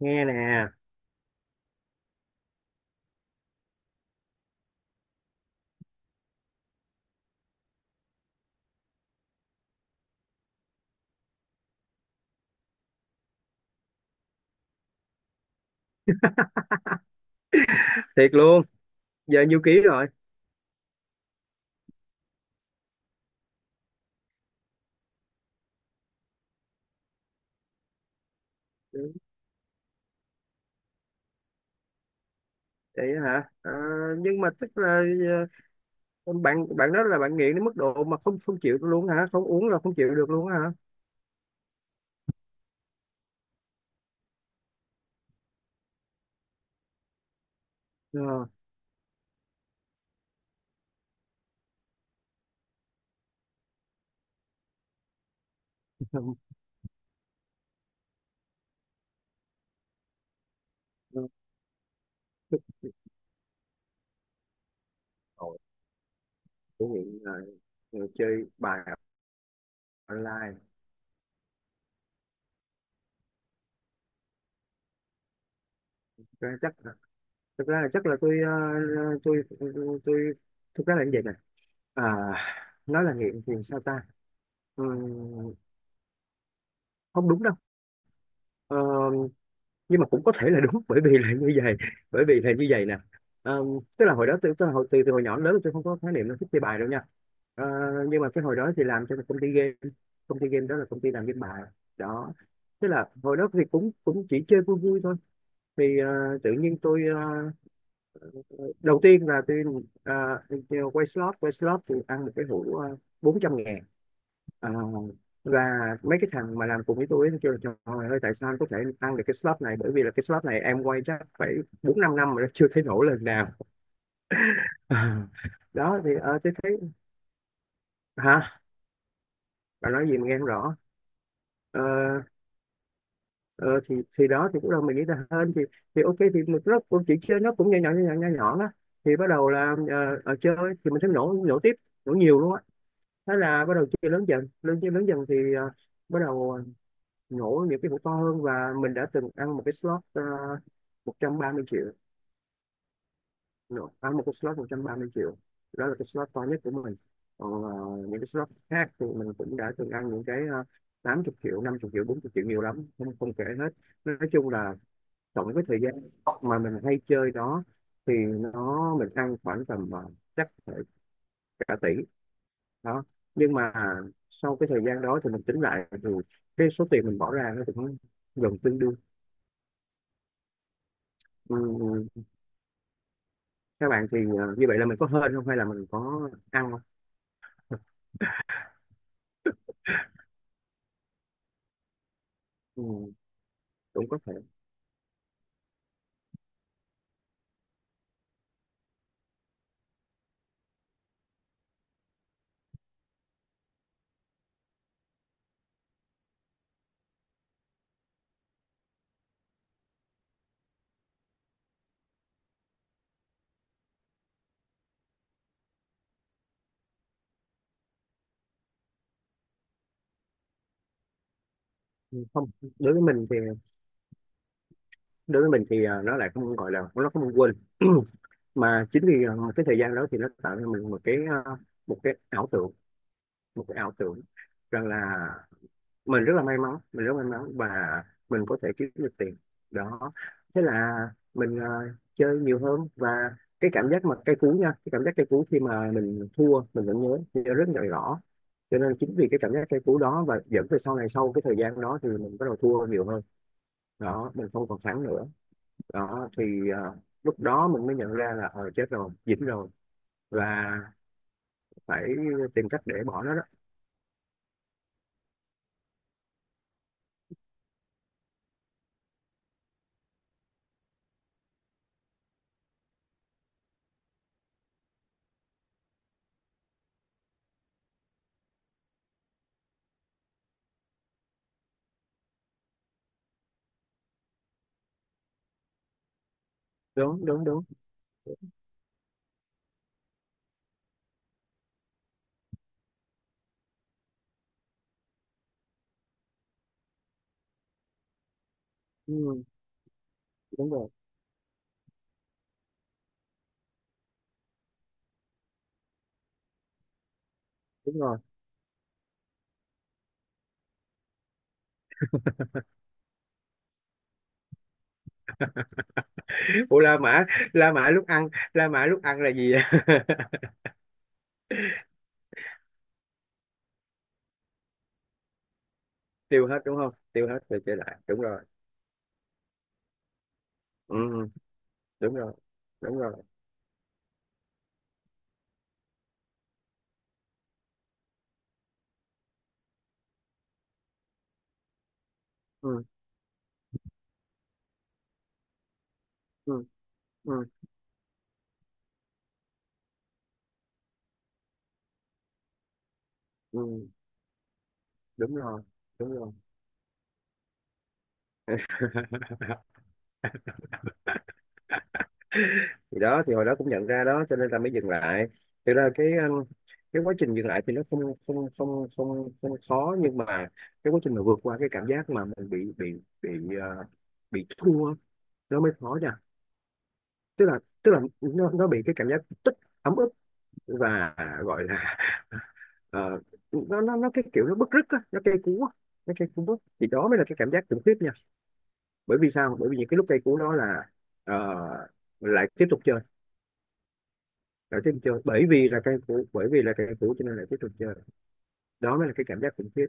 Nghe nè. Thiệt luôn. Giờ nhiêu ký rồi? Ừ, vậy hả? Ờ, nhưng mà tức là ờ, bạn bạn đó là bạn nghiện đến mức độ mà không không chịu luôn hả? Không uống là không chịu được luôn hả? Ờ. Không, không. Ôi, tôi nghiện chơi bài online. Thực ra chắc là- Thực ra là chắc là tôi tôi thực ra là như vậy nè. À, nói là nghiện thì sao ta? Ừ, không đúng đâu. Ờ, nhưng mà cũng có thể là đúng, bởi vì là như vậy bởi vì là như vậy nè. Ờ, tức là hồi đó tôi hồi từ hồi nhỏ đến lớn tôi không có khái niệm nó thích chơi bài đâu nha. Ờ, nhưng mà cái hồi đó thì làm cho một công ty game, công ty game đó là công ty làm game bài đó. Tức là hồi đó thì cũng cũng chỉ chơi vui vui thôi, thì tự nhiên tôi ờ, đầu tiên là tôi ờ, quay slot. Quay slot thì ăn một cái hũ 400.000. Ờ, và mấy cái thằng mà làm cùng với tôi ấy, nó kêu là trời ơi tại sao anh có thể ăn được cái slot này, bởi vì là cái slot này em quay chắc phải bốn năm năm mà nó chưa thấy nổ lần nào. Đó thì ờ tôi thấy, hả? Bà nói gì mà nghe không rõ. ờ, ờ, thì đó thì lúc đầu mình nghĩ là hơn thì ok, thì mình nó cũng chỉ chơi nó cũng nhỏ nhỏ nhỏ nhỏ nhỏ nhỏ đó, thì bắt đầu là chơi, thì mình thấy nổ nổ tiếp, nổ nhiều luôn á. Thế là bắt đầu chơi lớn dần, lớn chơi lớn dần thì bắt đầu nhổ những cái hũ to hơn, và mình đã từng ăn một cái slot 130.000.000. Nhổ, ăn một cái slot 130.000.000, đó là cái slot to nhất của mình. Còn những cái slot khác thì mình cũng đã từng ăn những cái 80 triệu, 50 triệu, 40 triệu, nhiều lắm, không không kể hết. Nói chung là tổng cái thời gian mà mình hay chơi đó thì mình ăn khoảng tầm chắc phải cả tỷ đó. Nhưng mà sau cái thời gian đó thì mình tính lại thì cái số tiền mình bỏ ra nó cũng gần tương đương. Ừ, các bạn thì như vậy là mình có hên không hay là mình có ăn không? Ừ, cũng có thể. Ừ, không, đối với mình thì đối với mình thì nó lại không gọi là nó không quên, mà chính vì cái thời gian đó thì nó tạo cho mình một cái ờ, một cái ảo tưởng, một cái ảo tưởng rằng là mình rất là may mắn, mình rất may mắn, và mình có thể kiếm được tiền đó. Thế là mình chơi nhiều hơn, và cái cảm giác mà cay cú nha, cái cảm giác cay cú khi mà mình thua mình vẫn nhớ, nhớ rất là rõ. Cho nên chính vì cái cảm giác cay cú đó, và dẫn về sau này sau cái thời gian đó thì mình bắt đầu thua nhiều hơn. Đó, mình không còn thắng nữa đó thì ờ, lúc đó mình mới nhận ra là ờ chết rồi, dính rồi, và phải tìm cách để bỏ nó đó. Đúng đúng đúng. Ừ, đúng rồi. Đúng rồi. Ủa La Mã, La Mã lúc ăn, La Mã lúc ăn là gì vậy? Tiêu hết đúng không? Tiêu hết rồi trở lại. Đúng rồi. Ừ, đúng rồi. Đúng rồi. Ừ, ừ, ừ, ừ, đúng rồi. Đúng rồi. Thì đó thì hồi đó cũng nhận ra đó, cho nên là mới dừng lại. Thực ra cái quá trình dừng lại thì nó không không không không không khó, nhưng mà cái quá trình mà vượt qua cái cảm giác mà mình bị ờ, bị thua nó mới khó nha. Tức là nó bị cái cảm giác tức, ấm ức, và gọi là ờ, nó cái kiểu nó bứt rứt á, nó cây cú á, nó cây cú bứt thì đó mới là cái cảm giác khủng khiếp nha. Bởi vì sao? Bởi vì những cái lúc cây cú đó là ờ, lại tiếp tục chơi. Lại tiếp tục chơi bởi vì là cây cú, bởi vì là cây cú cho nên lại tiếp tục chơi. Đó mới là cái cảm giác khủng khiếp.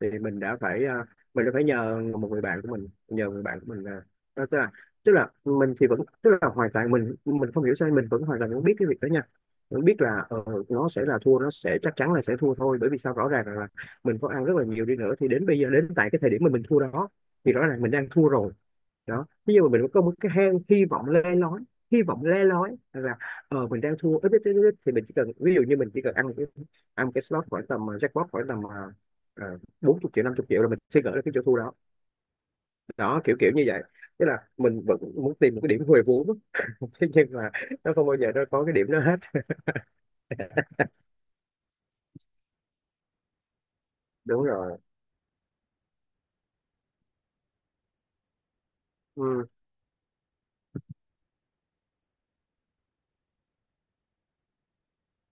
Thì mình đã phải mình đã phải nhờ một người bạn của mình, nhờ người bạn của mình là đó, tức là mình thì vẫn tức là hoàn toàn mình không hiểu sao mình vẫn hoàn toàn vẫn biết cái việc đó nha, vẫn biết là nó sẽ là thua, nó sẽ chắc chắn là sẽ thua thôi. Bởi vì sao? Rõ ràng là mình có ăn rất là nhiều đi nữa, thì đến bây giờ đến tại cái thời điểm mà mình thua đó thì rõ ràng mình đang thua rồi. Đó, ví dụ mà mình có một cái hang hy vọng le lói, hy vọng le lói là ờ mình đang thua ít ít ít ít thì mình chỉ cần ví dụ như mình chỉ cần ăn một cái, ăn một cái slot khoảng tầm jackpot khoảng tầm 40.000.000, 50.000.000 là mình sẽ gỡ được cái chỗ thua đó. Đó, kiểu kiểu như vậy. Tức là mình vẫn muốn tìm một cái điểm huề vốn. Thế nhưng mà không bao giờ nó có cái điểm đó hết. Đúng rồi. Ừ,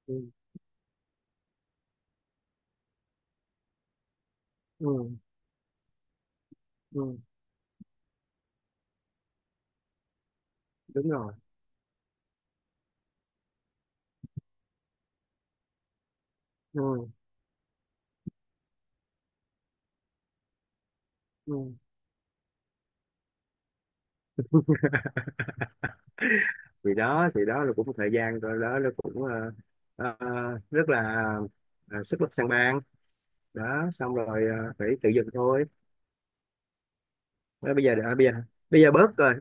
ừ, ừ, ừ, đúng rồi. Ừ, ừ. Thì đó thì đó là cũng một thời gian rồi đó, nó cũng ờ, rất là sức lực sang ban đó, xong rồi phải tự dừng thôi. Đó, bây giờ bây giờ bớt rồi.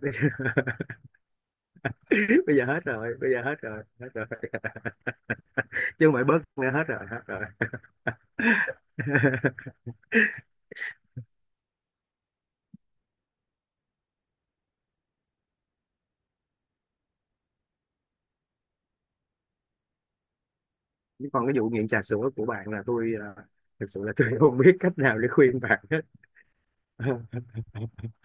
Bây giờ hết rồi, bây giờ hết rồi, hết rồi. Chứ không phải bớt nữa, hết rồi, hết rồi. Chứ còn cái vụ nghiện trà sữa của bạn là tôi thực sự là tôi không biết cách nào để khuyên bạn hết.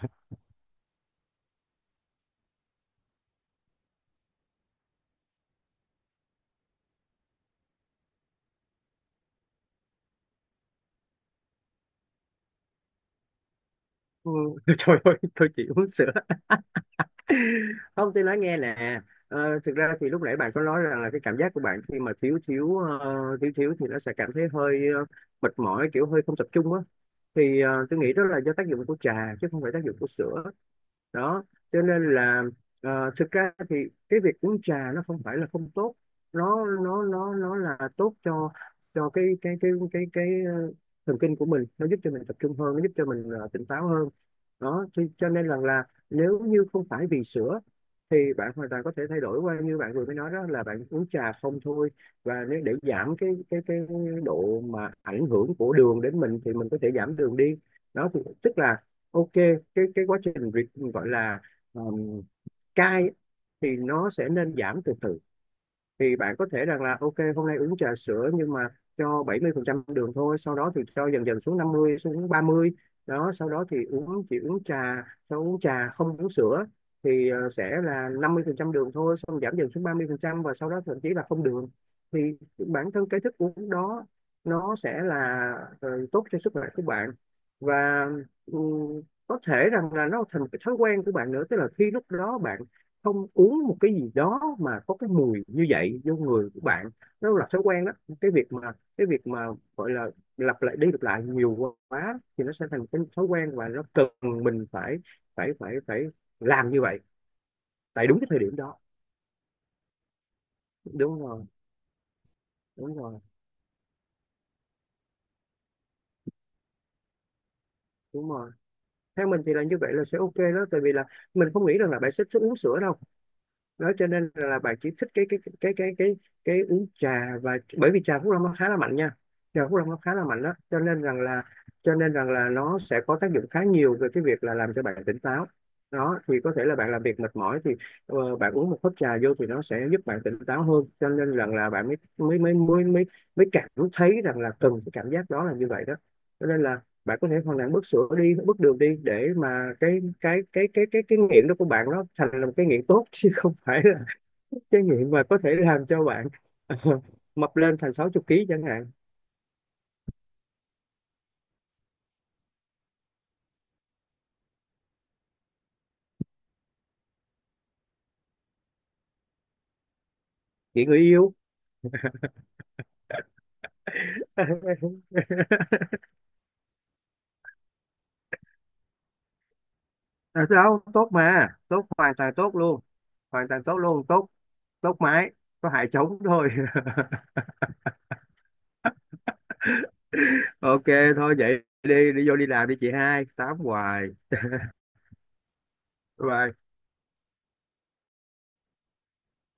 Ừ, trời ơi tôi chỉ uống sữa. Không, tôi nói nghe nè, thực ra thì lúc nãy bạn có nói rằng là cái cảm giác của bạn khi mà thiếu thiếu thiếu thiếu thì nó sẽ cảm thấy hơi mệt mỏi, kiểu hơi không tập trung á. Thì tôi nghĩ đó là do tác dụng của trà chứ không phải tác dụng của sữa đó. Cho nên là thực ra thì cái việc uống trà nó không phải là không tốt, nó là tốt cho cái thần kinh của mình, nó giúp cho mình tập trung hơn, nó giúp cho mình tỉnh táo hơn đó. Cho nên rằng là nếu như không phải vì sữa thì bạn hoàn toàn có thể thay đổi qua như bạn vừa mới nói đó là bạn uống trà không thôi. Và nếu để giảm cái độ mà ảnh hưởng của đường đến mình thì mình có thể giảm đường đi đó. Thì tức là ok, cái quá trình việc gọi là um, cai thì nó sẽ nên giảm từ từ. Thì bạn có thể rằng là ok hôm nay uống trà sữa nhưng mà cho 70% đường thôi, sau đó thì cho dần dần xuống 50, xuống 30. Đó, sau đó thì uống chỉ uống trà, sau uống trà không uống sữa thì sẽ là 50% đường thôi, xong giảm dần xuống 30%, và sau đó thậm chí là không đường. Thì bản thân cái thức uống đó nó sẽ là tốt cho sức khỏe của bạn. Và ừ, có thể rằng là nó thành cái thói quen của bạn nữa, tức là khi lúc đó bạn không uống một cái gì đó mà có cái mùi như vậy vô người của bạn, nó là thói quen đó. Cái việc mà cái việc mà gọi là lặp lại đi lặp lại nhiều quá thì nó sẽ thành một cái thói quen, và nó cần mình phải phải làm như vậy tại đúng cái thời điểm đó. Đúng rồi, đúng rồi, đúng rồi. Theo mình thì là như vậy là sẽ ok đó, tại vì là mình không nghĩ rằng là bạn sẽ uống sữa đâu đó. Cho nên là bạn chỉ thích cái uống trà. Và bởi vì trà Phúc Long nó khá là mạnh nha, trà Phúc Long nó khá là mạnh đó. Cho nên rằng là nó sẽ có tác dụng khá nhiều về cái việc là làm cho bạn tỉnh táo đó. Thì có thể là bạn làm việc mệt mỏi thì bạn uống một hớp trà vô thì nó sẽ giúp bạn tỉnh táo hơn. Cho nên rằng là bạn mới mới mới mới mới mới cảm thấy rằng là cần cái cảm giác đó là như vậy đó. Cho nên là bạn có thể hoàn toàn bước sữa đi, bước đường đi, để mà cái nghiện đó của bạn nó thành là một cái nghiện tốt, chứ không phải là cái nghiện mà có thể làm cho bạn mập lên thành 60 ký chẳng hạn. Nghiện người yêu. À, đâu tốt, mà tốt, hoàn toàn tốt luôn, hoàn toàn tốt luôn, tốt, tốt mãi, có hại trống thôi. Ok. Thôi vậy đi, đi vô đi làm đi chị, hai tám hoài. Bye bye.